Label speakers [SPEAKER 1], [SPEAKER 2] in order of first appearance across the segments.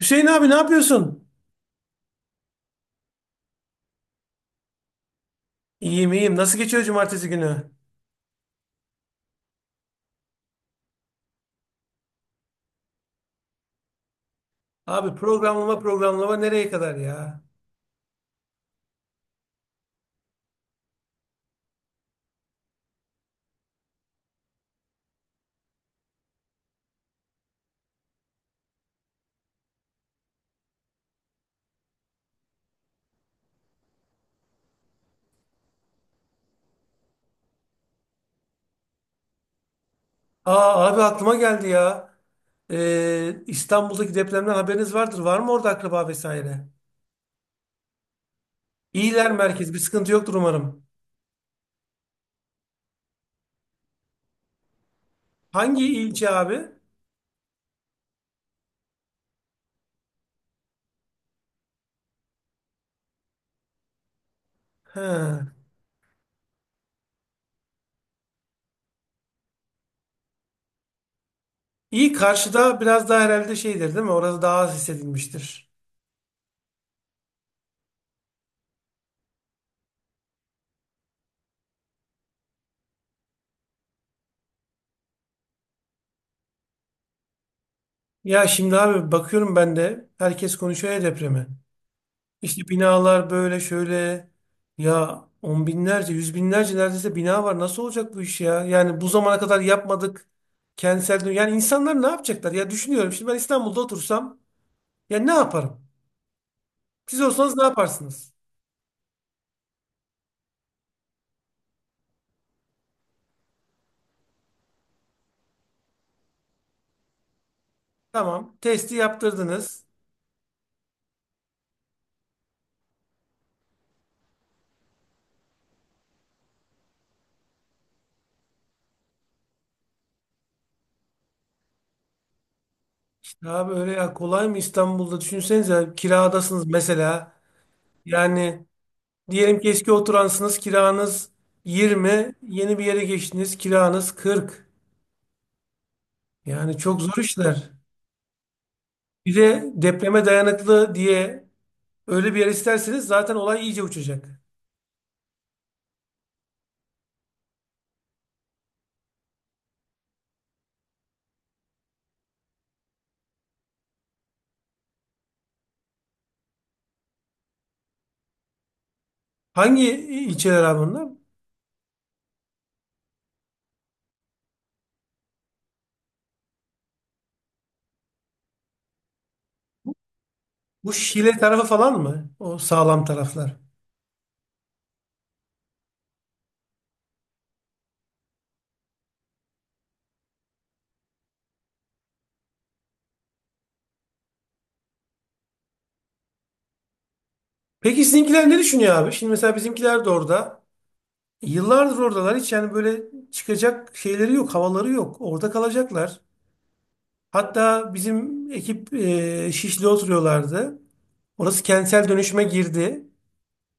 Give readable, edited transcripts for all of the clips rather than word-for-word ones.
[SPEAKER 1] Hüseyin abi, ne yapıyorsun? İyiyim, iyiyim. Nasıl geçiyor cumartesi günü? Abi, programlama programlama nereye kadar ya? Aa abi, aklıma geldi ya. İstanbul'daki depremden haberiniz vardır. Var mı orada akraba vesaire? İyiler merkez. Bir sıkıntı yoktur umarım. Hangi ilçe abi? He. İyi, karşıda biraz daha herhalde şeydir değil mi? Orası daha az hissedilmiştir. Ya şimdi abi, bakıyorum ben de herkes konuşuyor ya depremi. İşte binalar böyle şöyle ya, on binlerce, yüz binlerce neredeyse bina var. Nasıl olacak bu iş ya? Yani bu zamana kadar yapmadık. Kentsel dönüşüm. Yani insanlar ne yapacaklar? Ya düşünüyorum, şimdi ben İstanbul'da otursam ya ne yaparım? Siz olsanız ne yaparsınız? Tamam, testi yaptırdınız. Ya böyle ya, kolay mı İstanbul'da? Düşünsenize, kiradasınız mesela. Yani diyelim ki eski oturansınız, kiranız 20, yeni bir yere geçtiniz, kiranız 40. Yani çok zor işler. Bir de depreme dayanıklı diye öyle bir yer isterseniz zaten olay iyice uçacak. Hangi ilçeler abi bunlar? Bu Şile tarafı falan mı? O sağlam taraflar. Peki sizinkiler ne düşünüyor abi? Şimdi mesela bizimkiler de orada. Yıllardır oradalar. Hiç yani böyle çıkacak şeyleri yok, havaları yok. Orada kalacaklar. Hatta bizim ekip Şişli oturuyorlardı. Orası kentsel dönüşüme girdi.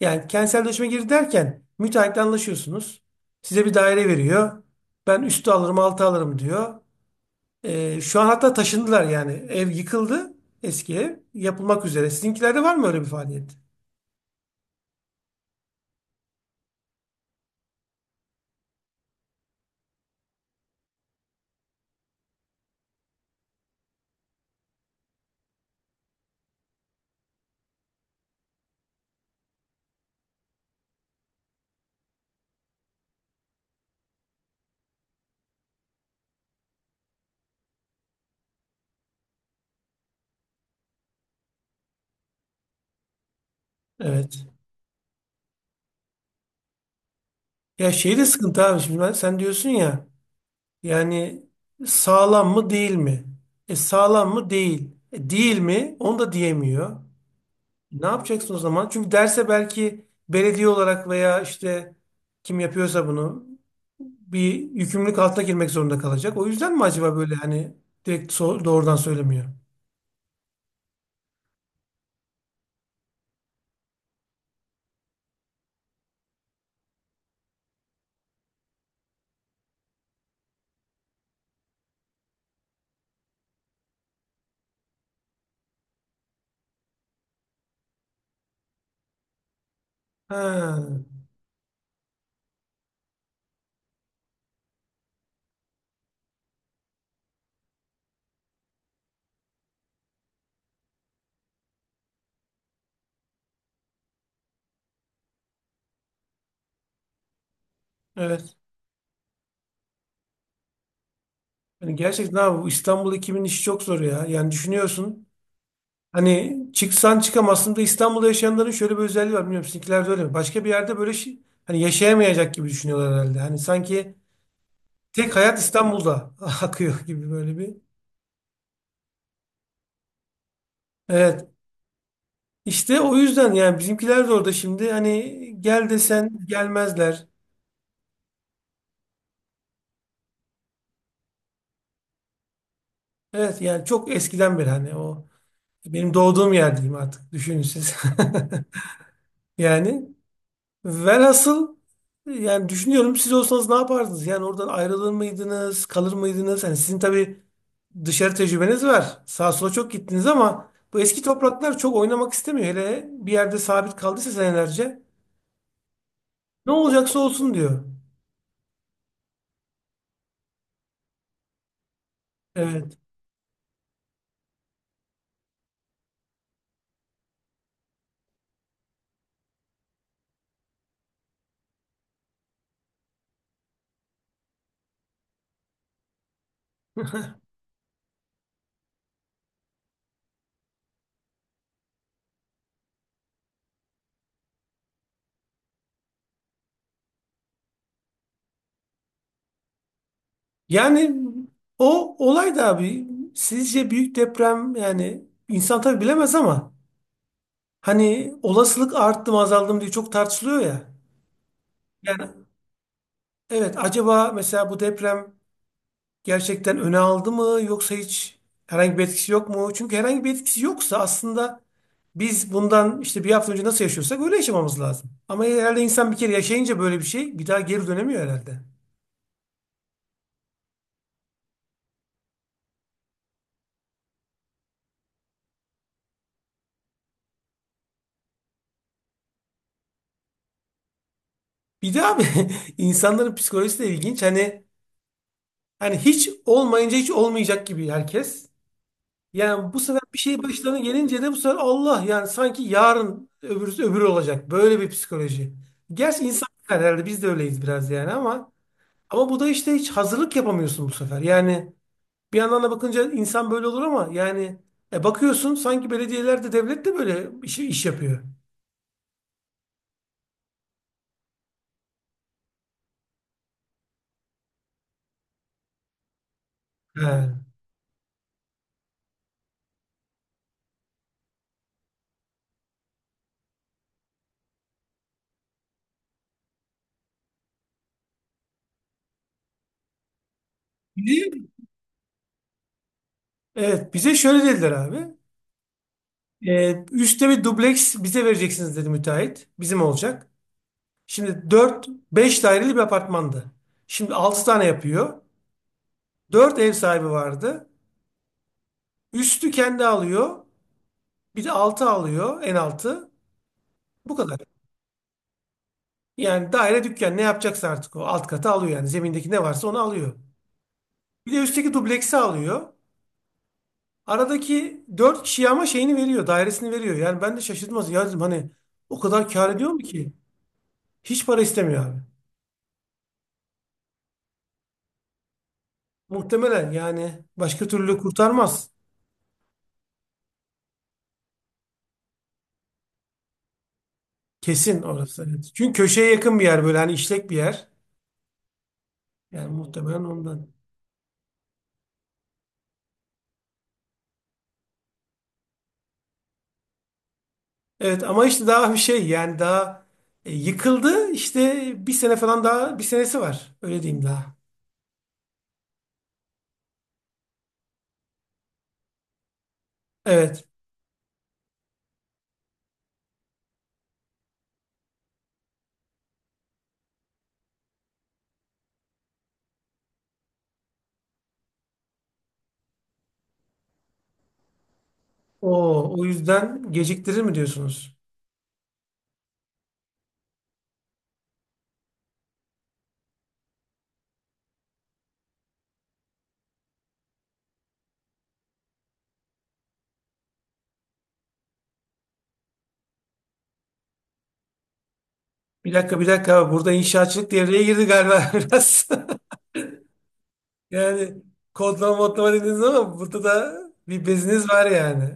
[SPEAKER 1] Yani kentselleşme girdi derken müteahhitle anlaşıyorsunuz. Size bir daire veriyor. Ben üstü alırım, altı alırım diyor. Şu an hatta taşındılar yani. Ev yıkıldı, eski ev. Yapılmak üzere. Sizinkilerde var mı öyle bir faaliyet? Evet. Ya şey de sıkıntı abi. Şimdi ben, sen diyorsun ya, yani sağlam mı değil mi? E, sağlam mı değil. E, değil mi? Onu da diyemiyor. Ne yapacaksın o zaman? Çünkü derse belki belediye olarak veya işte kim yapıyorsa bunu bir yükümlülük altına girmek zorunda kalacak. O yüzden mi acaba, böyle hani direkt doğrudan söylemiyor? Ha, evet. Yani gerçekten abi, bu İstanbul ekibinin işi çok zor ya. Yani düşünüyorsun, hani çıksan çıkamazsın da, İstanbul'da yaşayanların şöyle bir özelliği var. Bilmiyorum, sizinkiler de öyle mi? Başka bir yerde böyle şey, hani yaşayamayacak gibi düşünüyorlar herhalde. Hani sanki tek hayat İstanbul'da akıyor gibi böyle bir. Evet. İşte o yüzden yani bizimkiler de orada şimdi, hani gel desen gelmezler. Evet, yani çok eskiden beri, hani o benim doğduğum yer diyeyim artık, düşünün siz. Yani velhasıl, yani düşünüyorum, siz olsanız ne yapardınız? Yani oradan ayrılır mıydınız, kalır mıydınız? Hani sizin tabii dışarı tecrübeniz var. Sağa sola çok gittiniz ama bu eski topraklar çok oynamak istemiyor. Hele bir yerde sabit kaldıysa senelerce, ne olacaksa olsun diyor. Evet. Yani o olay da abi, sizce büyük deprem, yani insan tabii bilemez ama hani olasılık arttı mı azaldı mı diye çok tartışılıyor ya. Yani evet, acaba mesela bu deprem gerçekten öne aldı mı, yoksa hiç herhangi bir etkisi yok mu? Çünkü herhangi bir etkisi yoksa aslında biz bundan işte bir hafta önce nasıl yaşıyorsak öyle yaşamamız lazım. Ama herhalde insan bir kere yaşayınca böyle bir şey, bir daha geri dönemiyor herhalde. Bir de abi, insanların psikolojisi de ilginç. Hani hiç olmayınca hiç olmayacak gibi herkes. Yani bu sefer bir şey başlarına gelince de bu sefer Allah, yani sanki yarın öbürü öbürü olacak. Böyle bir psikoloji. Gerçi insan, yani herhalde biz de öyleyiz biraz yani, ama bu da işte hiç hazırlık yapamıyorsun bu sefer. Yani bir yandan da bakınca insan böyle olur ama yani, bakıyorsun sanki belediyeler de devlet de böyle iş yapıyor. He. Bir de- Evet, bize şöyle dediler abi. Üstte bir dubleks bize vereceksiniz, dedi müteahhit. Bizim olacak. Şimdi 4 5 daireli bir apartmandı. Şimdi 6 tane yapıyor. 4 ev sahibi vardı. Üstü kendi alıyor. Bir de altı alıyor. En altı. Bu kadar. Yani daire, dükkan, ne yapacaksa artık o alt katı alıyor yani. Zemindeki ne varsa onu alıyor. Bir de üstteki dubleksi alıyor. Aradaki 4 kişiye ama şeyini veriyor. Dairesini veriyor. Yani ben de şaşırdım aslında. Ya dedim hani, o kadar kâr ediyor mu ki? Hiç para istemiyor abi. Muhtemelen, yani başka türlü kurtarmaz. Kesin orası. Evet. Çünkü köşeye yakın bir yer, böyle hani işlek bir yer. Yani muhtemelen ondan. Evet, ama işte daha bir şey, yani daha yıkıldı işte, bir sene falan daha, bir senesi var. Öyle diyeyim daha. Evet. O o yüzden geciktirir mi diyorsunuz? Bir dakika, bir dakika, burada inşaatçılık devreye girdi galiba biraz. Yani kodlama modlama dediniz ama burada da bir beziniz var yani.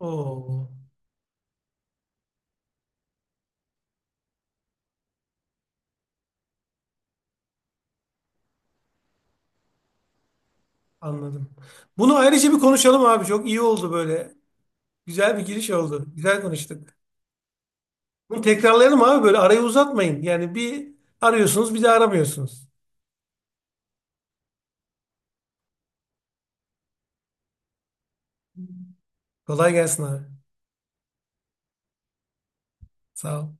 [SPEAKER 1] Oo, anladım. Bunu ayrıca bir konuşalım abi, çok iyi oldu böyle. Güzel bir giriş oldu. Güzel konuştuk. Bunu tekrarlayalım abi, böyle arayı uzatmayın. Yani bir arıyorsunuz, bir de aramıyorsunuz. Kolay gelsin abi. Sağ ol.